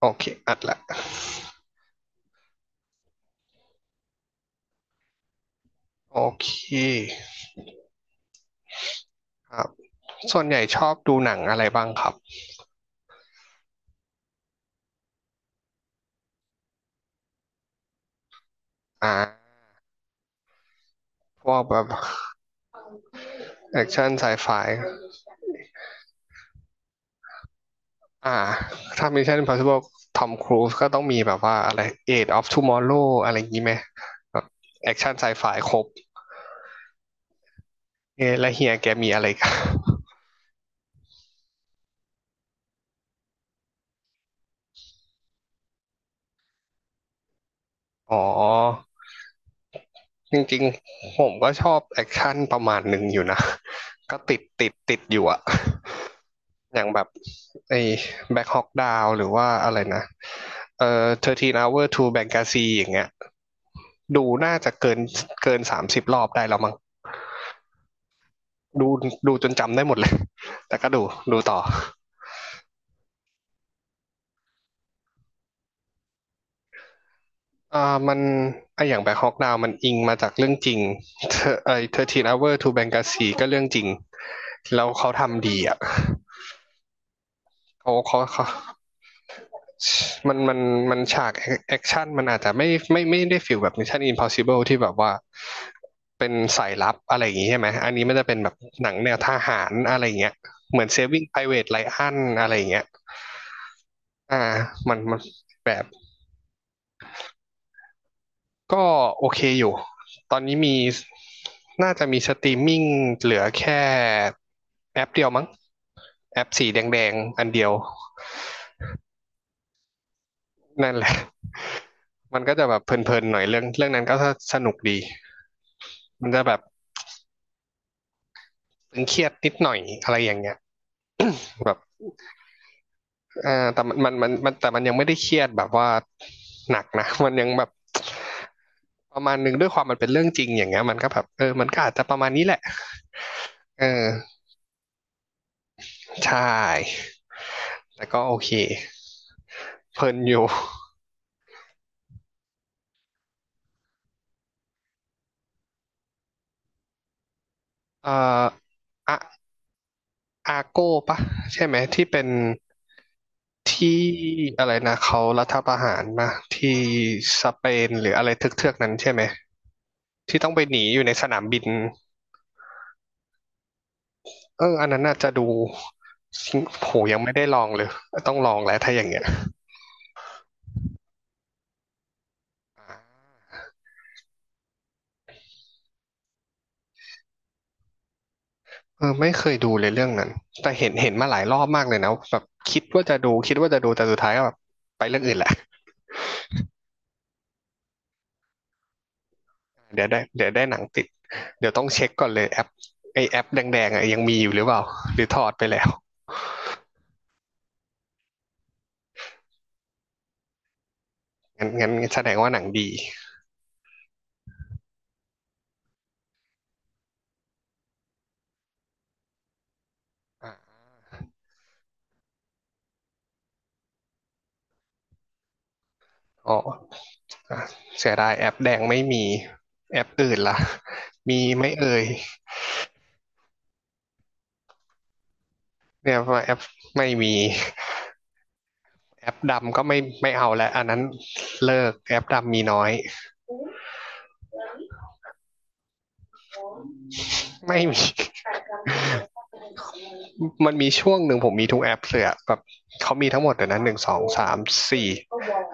โอเค อัดละโอเคครับส่วนใหญ่ชอบดูหนังอะไรบ้างครับ อ่าพวกแบบแอคชั่นไซไฟอ่าถ้ามีเช่น Impossible ทอมครูซก็ต้องมีแบบว่าอะไร Age of Tomorrow อะไรอย่างนี้ไหม แอคชั่นไซไฟครบเอแล้วเฮียแกมีอะไร อับ อ๋อ จริงๆผมก็ชอบแอคชั่นประมาณหนึ่งอยู่นะ ก็ติดอยู่อะ อย่างแบบไอ้แบ็คฮอกดาวหรือว่าอะไรนะ13 hour to Benghazi อย่างเงี้ยดูน่าจะเกินเกิน30 รอบได้แล้วมั้งดูดูจนจำได้หมดเลย แต่ก็ดูดูต่ออ่ามันไออย่างแบ็คฮอกดาวมันอิงมาจากเรื่องจริงเธอไอ13 hour to Benghazi ก็เรื่องจริงแล้วเขาทำดีอ่ะเขา มันมันมันฉากแอคชั่นมันอาจจะไม่ได้ฟิลแบบ Mission Impossible ที่แบบว่าเป็นสายลับอะไรอย่างงี้ใช่ไหมอันนี้มันจะเป็นแบบหนังแนวทหารอะไรอย่างเงี้ยเหมือน Saving Private Ryan อะไรอย่างเงี้ยอ่ามันแบบก็โอเคอยู่ตอนนี้มีน่าจะมีสตรีมมิ่งเหลือแค่แอปเดียวมั้งแอปสีแดงๆอันเดียวนั่นแหละมันก็จะแบบเพลินๆหน่อยเรื่องเรื่องนั้นก็สนุกดีมันจะแบบ ตึงเครียดนิดหน่อยอะไรอย่างเงี้ยแบบอ่าแต่มันแต่มันยังไม่ได้เครียดแบบว่าหนักนะ มันยังแบบประมาณหนึ่งด้วยความมันเป็นเรื่องจริงอย่างเงี้ยมันก็แบบเออมันก็อาจจะประมาณนี้แหละเออใช่แต่ก็โอเคเพลินอยู่เอ่ออะอาโก้ปะใช่ไหมที่เป็นที่อะไรนะเขารัฐประหารมาที่สเปนหรืออะไรเทือกๆนั้นใช่ไหมที่ต้องไปหนีอยู่ในสนามบิน เอออันนั้นน่าจะดู โหยังไม่ได้ลองเลยต้องลองแล้วถ้าอย่างเงี้ยเออไม่เคยดูเลยเรื่องนั้นแต่เห็นมาหลายรอบมากเลยนะแบบคิดว่าจะดูแต่สุดท้ายก็แบบไปเรื่องอื่นแหละเดี๋ยวได้หนังติดเดี๋ยวต้องเช็คก่อนเลยแอปไอแอปแดงๆอ่ะยังมีอยู่หรือเปล่าหรือถอดไปแล้วงั้นแสดงว่าหนังดีอ่ะอ๋ออ่ะเสียดายแอปแดงไม่มี แอปอื่นล่ะมีไหม่เอ่ยเนี่ยว่าแอปไม่มี แอปดำก็ไม่เอาแล้วอันนั้นเลิกแอปดำมีน้อย ไม่มี มันมีช่วงหนึ่งผมมีทุกแอปเลยอแบบเขามีทั้งหมดเตีนั้นหนึ่งสองสามสี่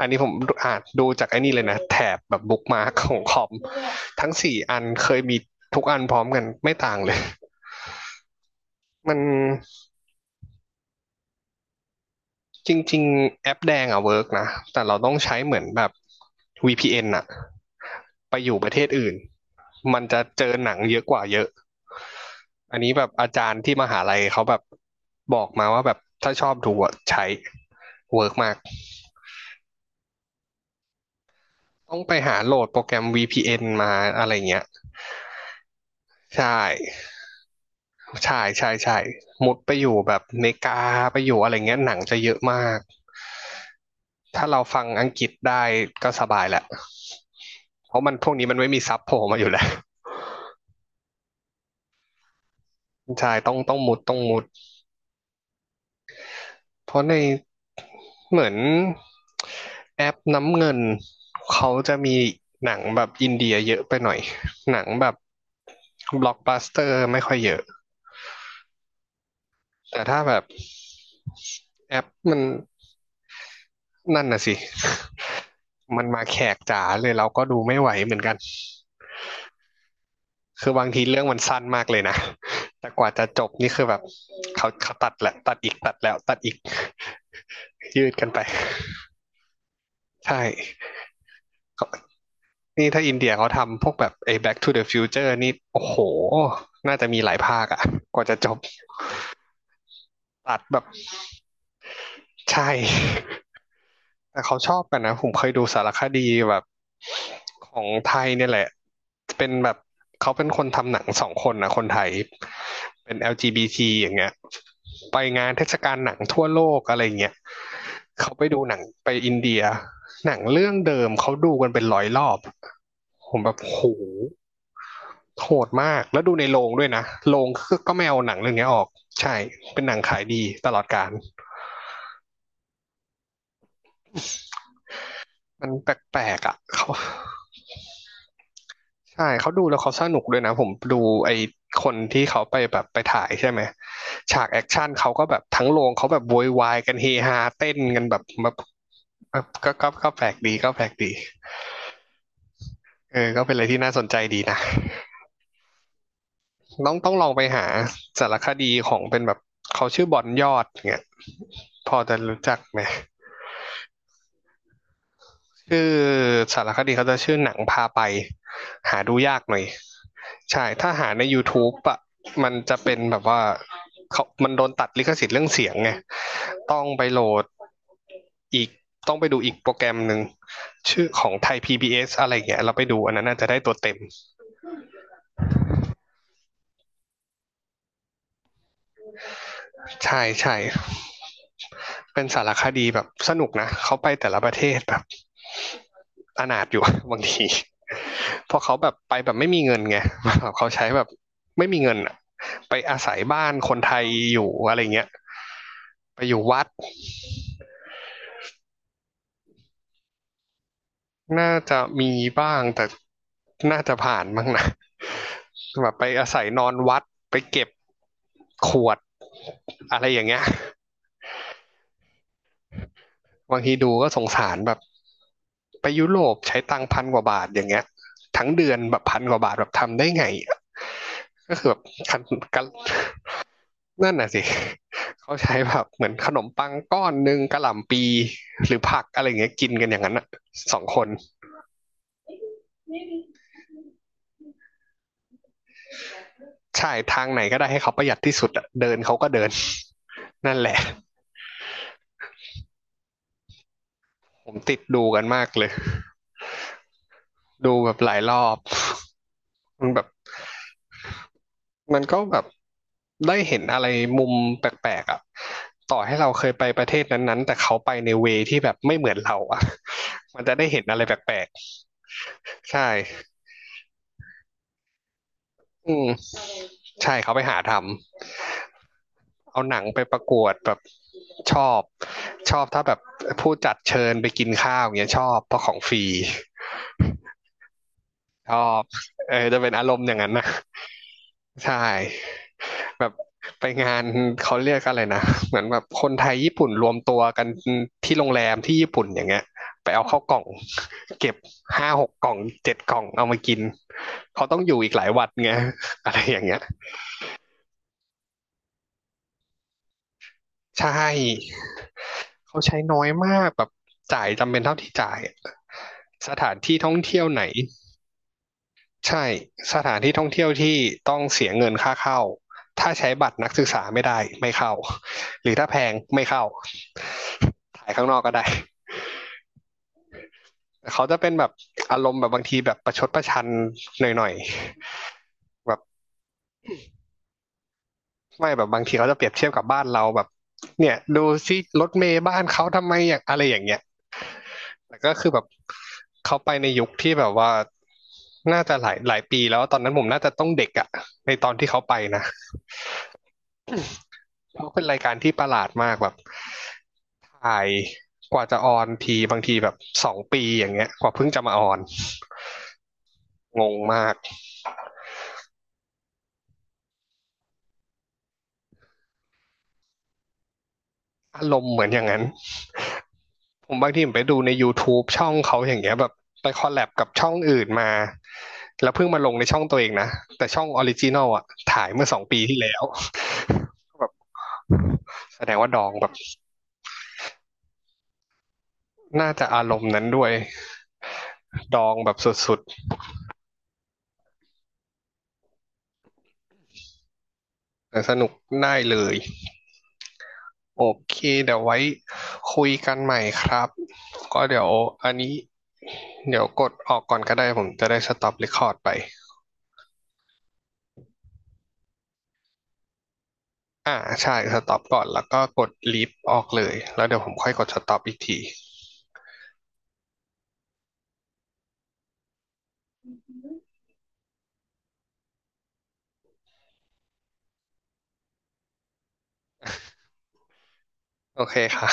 อันนี้ผมอ่านดูจากไอ้นี่เลยนะแถบแบบบุ๊กมาร์คของคอมทั้งสี่อันเคยมีทุกอันพร้อมกันไม่ต่างเลย มันจริงๆแอปแดงอะเวิร์กนะแต่เราต้องใช้เหมือนแบบ VPN อนอะไปอยู่ประเทศอื่นมันจะเจอหนังเยอะกว่าเยอะ อันนี้แบบอาจารย์ที่มหาลัยเขาแบบบอกมาว่าแบบถ้าชอบดูอะใช้เวิร์กมากต้องไปหาโหลดโปรแกรม VPN มาอะไรเงี้ยใช่ใช่ใช่มุดไปอยู่แบบเมกาไปอยู่อะไรเงี้ยหนังจะเยอะมากถ้าเราฟังอังกฤษได้ก็สบายแหละเพราะมันพวกนี้มันไม่มีซับโผล่มาอยู่แล้วใช่ต้องมุด เพราะในเหมือนแอปน้ำเงินเขาจะมีหนังแบบอินเดียเยอะไปหน่อยหนังแบบบล็อกบัสเตอร์ไม่ค่อยเยอะแต่ถ้าแบบแอปมันนั่นน่ะสิ มันมาแขกจ๋าเลยเราก็ดูไม่ไหวเหมือนกันคือบางทีเรื่องมันสั้นมากเลยนะแต่กว่าจะจบนี่คือแบบเขาตัดแหละตัดอีกตัดแล้วตัดอีกยืดกันไปใช่ นี่ถ้าอินเดียเขาทำพวกแบบไอ้ Back to the Future นี่ โอ้โห น่าจะมีหลายภาคอะกว่าจะจบตัดแบบใช่ แต่เขาชอบกันนะผมเคยดูสารคดีแบบของไทยเนี่ยแหละ เป็นแบบเขาเป็นคนทำหนังสองคนนะคนไทยเป็น LGBT อลจีบีทีอย่างเงี้ยไปงานเทศกาลหนังทั่วโลกอะไรเงี้ยเขาไปดูหนังไปอินเดีย หนังเรื่องเดิมเขาดูกันเป็นร้อยรอบผมแบบโห โหดมาก แล้วดูในโรงด้วยนะโรงก็ก็ไม่เอาหนังเรื่องนี้ออก ใช่ เป็นหนังขายดีตลอดกาลมันแปลกๆอ่ะเขาใช่ เขาดูแล้วเขาสนุกด้วยนะ ผมดูไอคนที่เขาไปแบบไปถ่ายใช่ไหมฉากแอคชั่นเขาก็แบบทั้งโรงเขาแบบโวยวายกันเฮฮาเต้นกันแบบก็แปลกดีเออก็เป็นอะไรที่น่าสนใจดีนะต้องลองไปหาสารคดีของเป็นแบบเขาชื่อบอนยอดเนี่ยพอจะรู้จักไหม คือสารคดีเขาจะชื่อหนังพาไปหาดูยากหน่อยใช่ถ้าหาใน YouTube อ่ะมันจะเป็นแบบว่าเขามันโดนตัดลิขสิทธิ์เรื่องเสียงไงต้องไปโหลดอีกต้องไปดูอีกโปรแกรมหนึ่งชื่อของไทย PBS อสอะไรอย่างเงี้ยเราไปดูอันนั้นน่าจะได้ตัวเต็มใช่เป็นสารคดีแบบสนุกนะเขาไปแต่ละประเทศแบบ อนาถอยู่ บางทีเพราะเขาแบบไปแบบไม่มีเงินไง เขาใช้แบบไม่มีเงินอะไปอาศัยบ้านคนไทยอยู่อะไรเงี้ยไปอยู่วัดน่าจะมีบ้างแต่น่าจะผ่านมั้งนะ แบบไปอาศัยนอนวัดไปเก็บขวดอะไรอย่างเงี้ยบางทีดูก็สงสารแบบไปยุโรปใช้ตังค์พันกว่าบาทอย่างเงี้ยทั้งเดือนแบบพันกว่าบาทแบบทำได้ไงก็คือแบบก นั่นน่ะสิ เขาใช้แบบเหมือนขนมปังก้อนหนึ่งกะหล่ำปีหรือผักอะไรอย่างเงี้ยกินกันอย่างนั้นอ่ะสองคนใช่ทางไหนก็ได้ให้เขาประหยัดที่สุดอะเดินเขาก็เดิน นั่นแหละผมติดดูกันมากเลยดูแบบหลายรอบมันแบบมันก็แบบได้เห็นอะไรมุมแปลกๆอ่ะต่อให้เราเคยไปประเทศนั้นๆแต่เขาไปในเวที่แบบไม่เหมือนเราอ่ะ มันจะได้เห็นอะไรแปลกๆใช่อืมใช่เขาไปหาทำ เอาหนังไปประกวดแบบชอบชอบถ้าแบบผู้จัดเชิญไปกินข้าวอย่างเงี้ยชอบเพราะของฟรีชอบเออจะเป็นอารมณ์อย่างนั้นนะใช่แบบไปงานเขาเรียกอะไรนะเหมือนแบบคนไทยญี่ปุ่นรวมตัวกันที่โรงแรมที่ญี่ปุ่นอย่างเงี้ยไปเอาเข้าวกล่องเก็บห้าหกกล่องเจ็ดกล่องเอามากินเขาต้องอยู่อีกหลายวันไงอะไรอย่างเงี้ยใช่ เขาใช้น้อยมากแบบจ่ายจำเป็นเท่าที่จ่ายอะสถานที่ท่องเที่ยวไหนใช่สถานที่ท่องเที่ยวที่ต้องเสียเงินค่าเข้าถ้าใช้บัตรนักศึกษาไม่ได้ไม่เข้าหรือถ้าแพงไม่เข้าถ่ายข้างนอกก็ได้เขาจะเป็นแบบอารมณ์แบบบางทีแบบประชดประชันหน่อยๆแบบไม่แบบบางทีเขาจะเปรียบเทียบกับบ้านเราแบบเนี่ยดูสิรถเมล์บ้านเขาทำไมอย่างอะไรอย่างเงี้ย แต่ก็คือแบบเขาไปในยุคที่แบบว่าน่าจะหลายปีแล้วตอนนั้นผมน่าจะต้องเด็กอะในตอนที่เขาไปนะเพราะเป็นรายการที่ประหลาดมากแบบถ่ายกว่าจะออนทีบางทีแบบสองปีอย่างเงี้ยกว่าเพิ่งจะมาออนงงมากอารมณ์เหมือนอย่างนั้นผมบางทีผมไปดูใน YouTube ช่องเขาอย่างเงี้ยแบบไปคอลแลบกับช่องอื่นมาแล้วเพิ่งมาลงในช่องตัวเองนะแต่ช่องออริจินอลอะถ่ายเมื่อสองปีที่แล้วแบบแสดงว่าดองแบบน่าจะอารมณ์นั้นด้วย ดองแบบสุดๆแต่สนุกได้เลย โอเค เดี๋ยวไว้คุยกันใหม่ครับ ก็เดี๋ยวอันนี้เดี๋ยวกดออกก่อนก็ได้ผมจะได้สต็อปเรคคอร์ดไป อ่าใช่สต็อปก่อน แล้วก็กดลีฟออกเลย แล้วเดี๋ยวผมค่อยกดสต็อปอีกที โอเคค่ะ